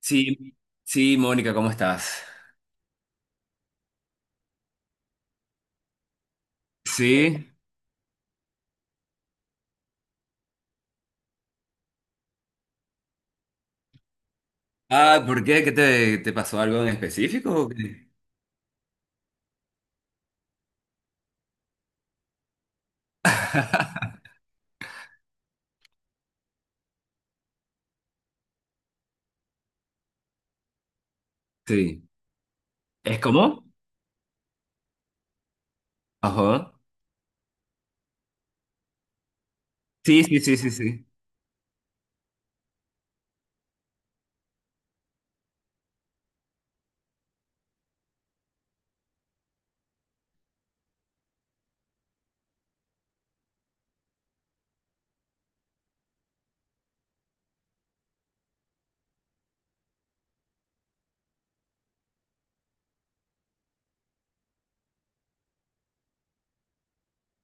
Sí, sí, Mónica, ¿cómo estás? Sí. Ah, ¿por qué? ¿Qué te pasó algo en específico, o qué? Sí. ¿Es como? Ajá. Sí, sí, sí, sí, sí.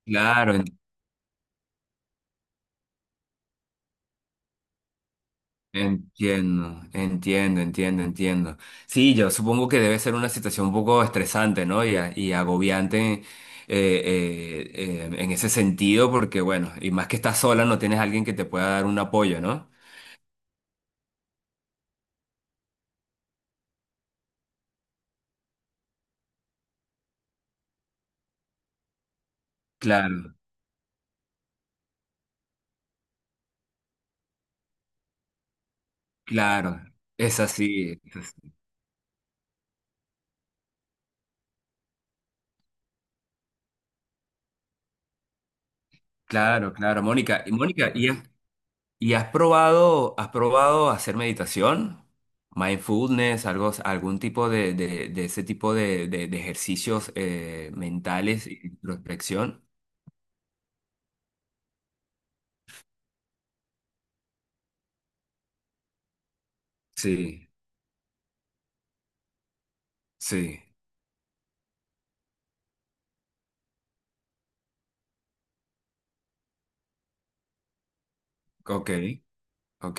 Claro, en- Entiendo, entiendo, entiendo, entiendo. Sí, yo supongo que debe ser una situación un poco estresante, ¿no? Y y agobiante en ese sentido, porque bueno, y más que estás sola, no tienes alguien que te pueda dar un apoyo, ¿no? Claro, claro. Es así. Claro, claro, Mónica. Y Mónica, ¿y has probado hacer meditación? Mindfulness, algo, algún tipo de, de ese tipo de, de ejercicios mentales y introspección. Sí, sí, ok, ok.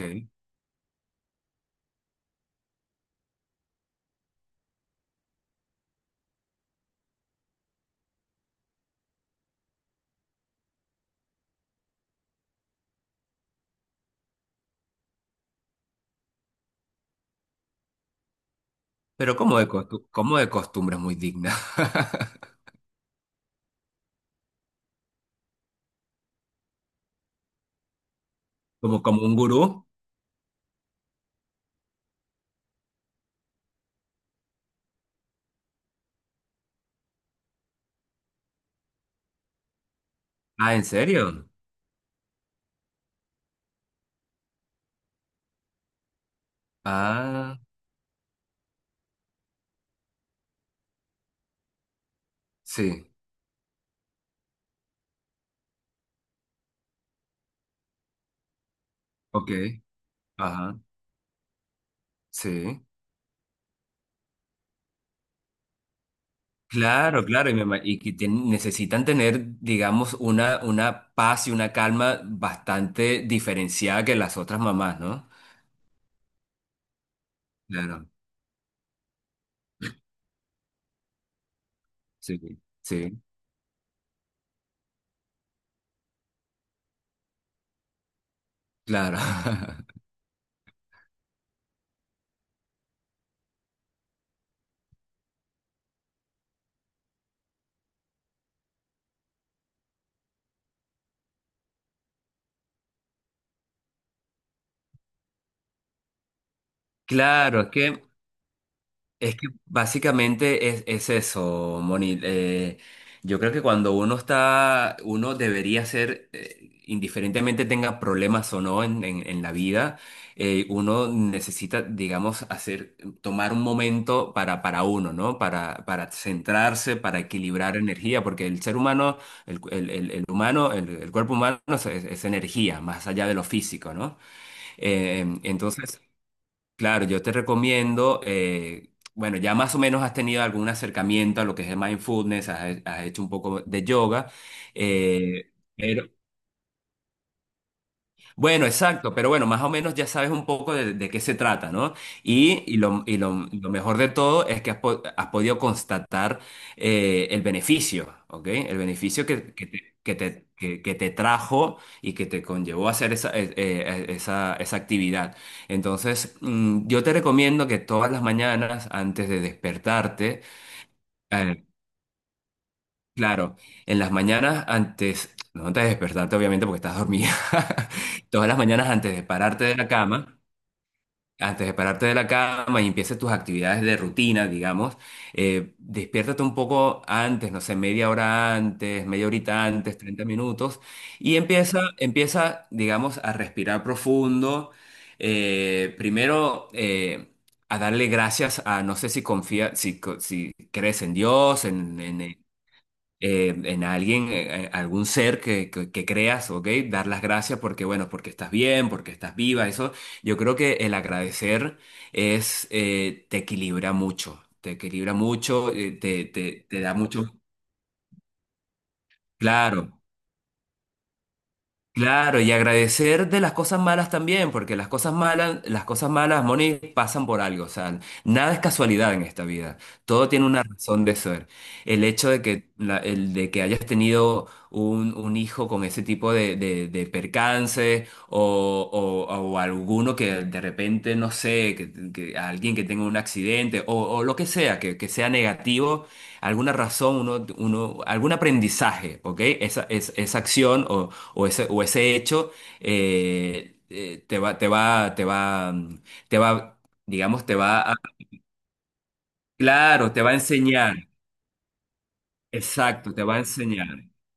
Pero como como de costumbre muy digna. Como un gurú. Ah, ¿en serio? Ah, sí, ok, ajá, sí. Claro, claro, y necesitan tener, digamos, una paz y una calma bastante diferenciada que las otras mamás, ¿no? Claro, sí, sí, claro. Claro, es que básicamente es eso, Moni. Yo creo que cuando uno está, uno debería ser, indiferentemente tenga problemas o no en, en la vida, uno necesita, digamos, hacer, tomar un momento para uno, ¿no? Para centrarse, para equilibrar energía, porque el ser humano, el, el humano, el cuerpo humano es energía, más allá de lo físico, ¿no? Eh, entonces, Claro, yo te recomiendo, bueno, ya más o menos has tenido algún acercamiento a lo que es el mindfulness, has hecho un poco de yoga. eh, bueno, exacto, pero bueno, más o menos ya sabes un poco de qué se trata, ¿no? Y, lo mejor de todo es que has podido constatar el beneficio, ¿ok? El beneficio que, que te trajo y que te conllevó a hacer esa, esa actividad. Entonces, yo te recomiendo que todas las mañanas, antes de despertarte, eh, claro, en las mañanas antes, no antes de despertarte obviamente porque estás dormida, todas las mañanas antes de pararte de la cama, antes de pararte de la cama y empieces tus actividades de rutina, digamos. Despiértate un poco antes, no sé, media hora antes, media horita antes, 30 minutos, y empieza, digamos, a respirar profundo. Primero, a darle gracias a, no sé si confía, si crees en Dios, en, en alguien, algún ser que, que creas, ¿ok? Dar las gracias porque, bueno, porque estás bien, porque estás viva, eso. Yo creo que el agradecer es, te equilibra mucho, te equilibra mucho, te da mucho, claro. Claro, y agradecer de las cosas malas también, porque las cosas malas, Moni, pasan por algo, o sea, nada es casualidad en esta vida, todo tiene una razón de ser. El hecho de que, el de que hayas tenido un hijo con ese tipo de, de percances o, o alguno que de repente, no sé, que alguien que tenga un accidente o lo que sea negativo alguna razón, algún aprendizaje, ¿ok? Esa, esa acción o ese hecho. Eh, te va, te va, te va, mm, te va, Digamos, claro, te va a enseñar. Exacto, te va a enseñar.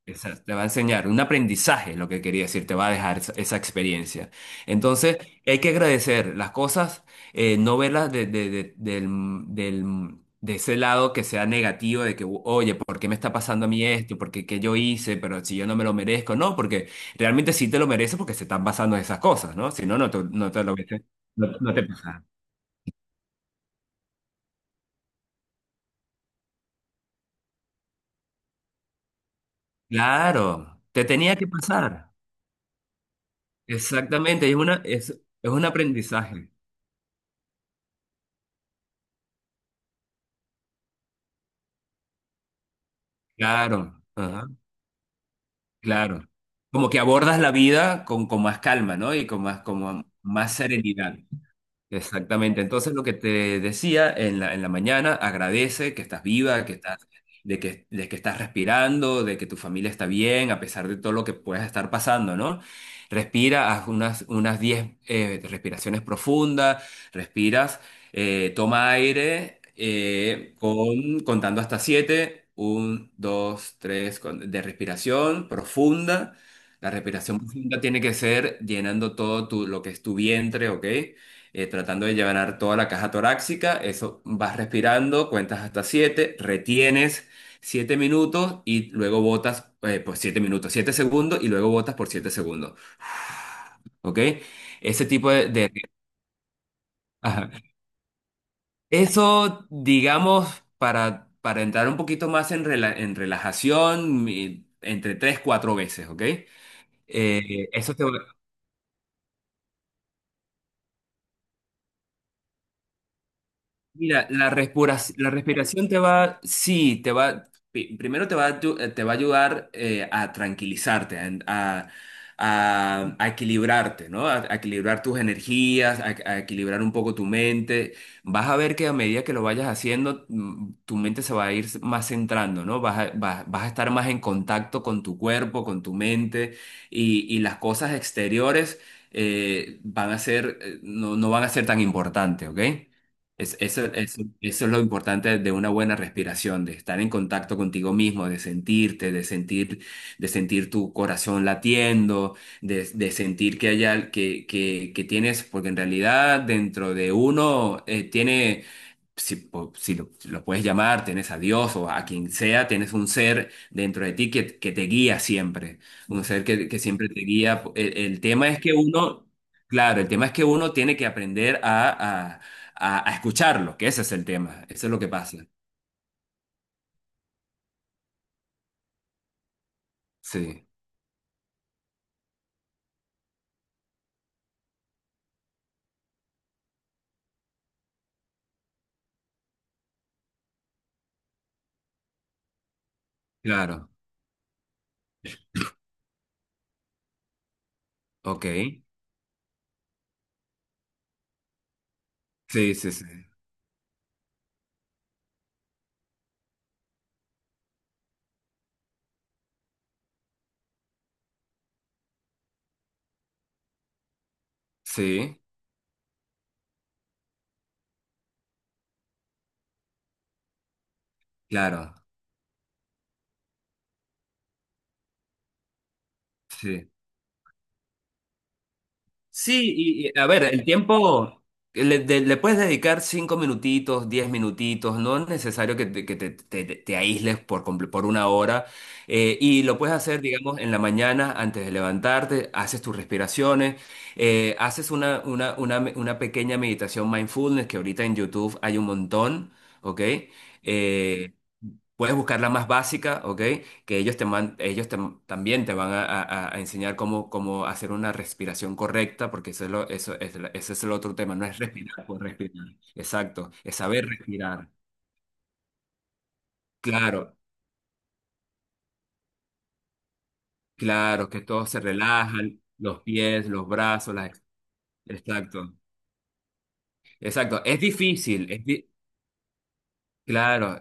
Exacto, te va a enseñar un aprendizaje, lo que quería decir, te va a dejar esa, esa experiencia. Entonces, hay que agradecer las cosas, no verlas de, de ese lado que sea negativo, de que, oye, ¿por qué me está pasando a mí esto? ¿Por qué, qué yo hice? Pero si yo no me lo merezco. No, porque realmente sí te lo mereces porque se están pasando esas cosas, ¿no? Si no, no, no te pasa. Claro, te tenía que pasar. Exactamente, es una, es un aprendizaje. Claro, ajá, claro. Como que abordas la vida con más calma, ¿no? Y con más, como más serenidad. Exactamente. Entonces, lo que te decía en la mañana, agradece que estás viva, que estás, de que estás respirando, de que tu familia está bien, a pesar de todo lo que puedas estar pasando, ¿no? Respira, haz unas 10 respiraciones profundas, respiras, toma aire con, contando hasta 7, 1, 2, 3, de respiración profunda. La respiración profunda tiene que ser llenando todo tu, lo que es tu vientre, ¿ok? Tratando de llevar toda la caja torácica. Eso vas respirando, cuentas hasta 7, retienes 7 minutos y luego botas, pues 7 minutos, 7 segundos y luego botas por 7 segundos. ¿Ok? Ese tipo de, ajá. Eso, digamos, para entrar un poquito más en, relajación, entre 3 4 veces, ¿ok? Eh, eso te va- Mira, la respiración te va, sí, te va, primero te va te va a ayudar a tranquilizarte, a, a equilibrarte, ¿no? A equilibrar tus energías, a equilibrar un poco tu mente. Vas a ver que a medida que lo vayas haciendo, tu mente se va a ir más centrando, ¿no? Vas a, vas, vas a estar más en contacto con tu cuerpo, con tu mente y las cosas exteriores van a ser, no, no van a ser tan importantes, ¿ok? Eso es lo importante de una buena respiración, de estar en contacto contigo mismo, de sentirte, de sentir tu corazón latiendo, de sentir que hay que, que tienes, porque en realidad dentro de uno tiene, si, si lo, si lo puedes llamar, tienes a Dios o a quien sea, tienes un ser dentro de ti que te guía siempre, un ser que siempre te guía. El tema es que uno... Claro, el tema es que uno tiene que aprender a, a escucharlo, que ese es el tema, eso es lo que pasa. Sí, claro, ok. Sí, sí, sí, sí, claro, sí. Sí, y, a ver, el tiempo le puedes dedicar cinco minutitos, diez minutitos, no es necesario que te, te aísles por, por una hora. Y lo puedes hacer, digamos, en la mañana antes de levantarte, haces tus respiraciones, haces una, una pequeña meditación mindfulness que ahorita en YouTube hay un montón, ¿ok? Eh, Puedes buscar la más básica, ¿ok? Que ellos, ellos te- también te van a, a enseñar cómo, cómo hacer una respiración correcta, porque eso es lo- eso es la- ese es el otro tema, no es respirar por respirar. Exacto, es saber respirar. Claro, claro, que todos se relajan, los pies, los brazos, las... Exacto, exacto. Es difícil, claro.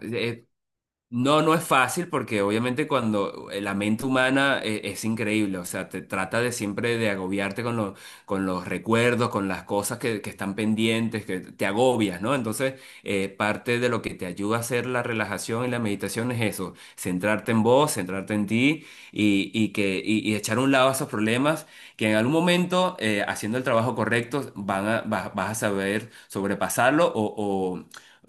No, no es fácil porque obviamente cuando la mente humana es, increíble, o sea, te trata de siempre de agobiarte con los recuerdos, con las cosas que están pendientes, que te agobias, ¿no? Entonces, parte de lo que te ayuda a hacer la relajación y la meditación es eso, centrarte en vos, centrarte en ti y que, y echar a un lado esos problemas que en algún momento, haciendo el trabajo correcto, van a, vas, vas a saber sobrepasarlo o,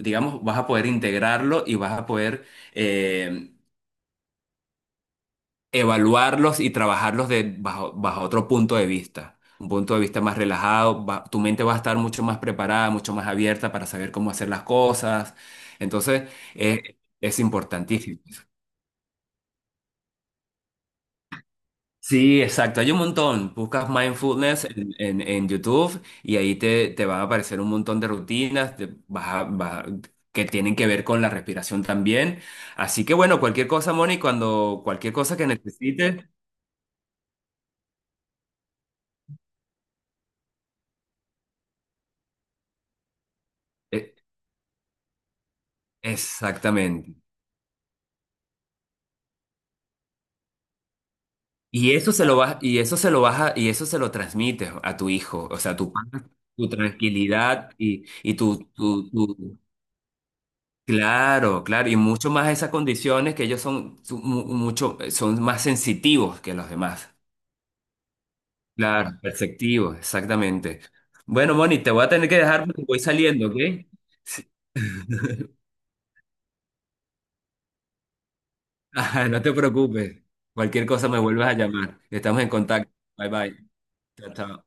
digamos, vas a poder integrarlo y vas a poder eh, evaluarlos y trabajarlos de, bajo, bajo otro punto de vista, un punto de vista más relajado. Tu mente va a estar mucho más preparada, mucho más abierta para saber cómo hacer las cosas. Entonces, es importantísimo. Sí, exacto, hay un montón. Buscas mindfulness en, en YouTube y ahí te, te van a aparecer un montón de rutinas te vas a- vas a- que tienen que ver con la respiración también. Así que bueno, cualquier cosa, Moni, cuando cualquier cosa que necesites, eh, exactamente. Y eso se lo vas, y eso se lo transmites a tu hijo. O sea, tu paz, tu tranquilidad y tu, claro, claro. Y mucho más esas condiciones que ellos son mucho, son más sensitivos que los demás. Claro, perceptivos, exactamente. Bueno, Moni, te voy a tener que dejar porque voy saliendo, ¿ok? Sí. Ajá, no te preocupes. Cualquier cosa me vuelves a llamar. Estamos en contacto. Bye bye. Chao, chao.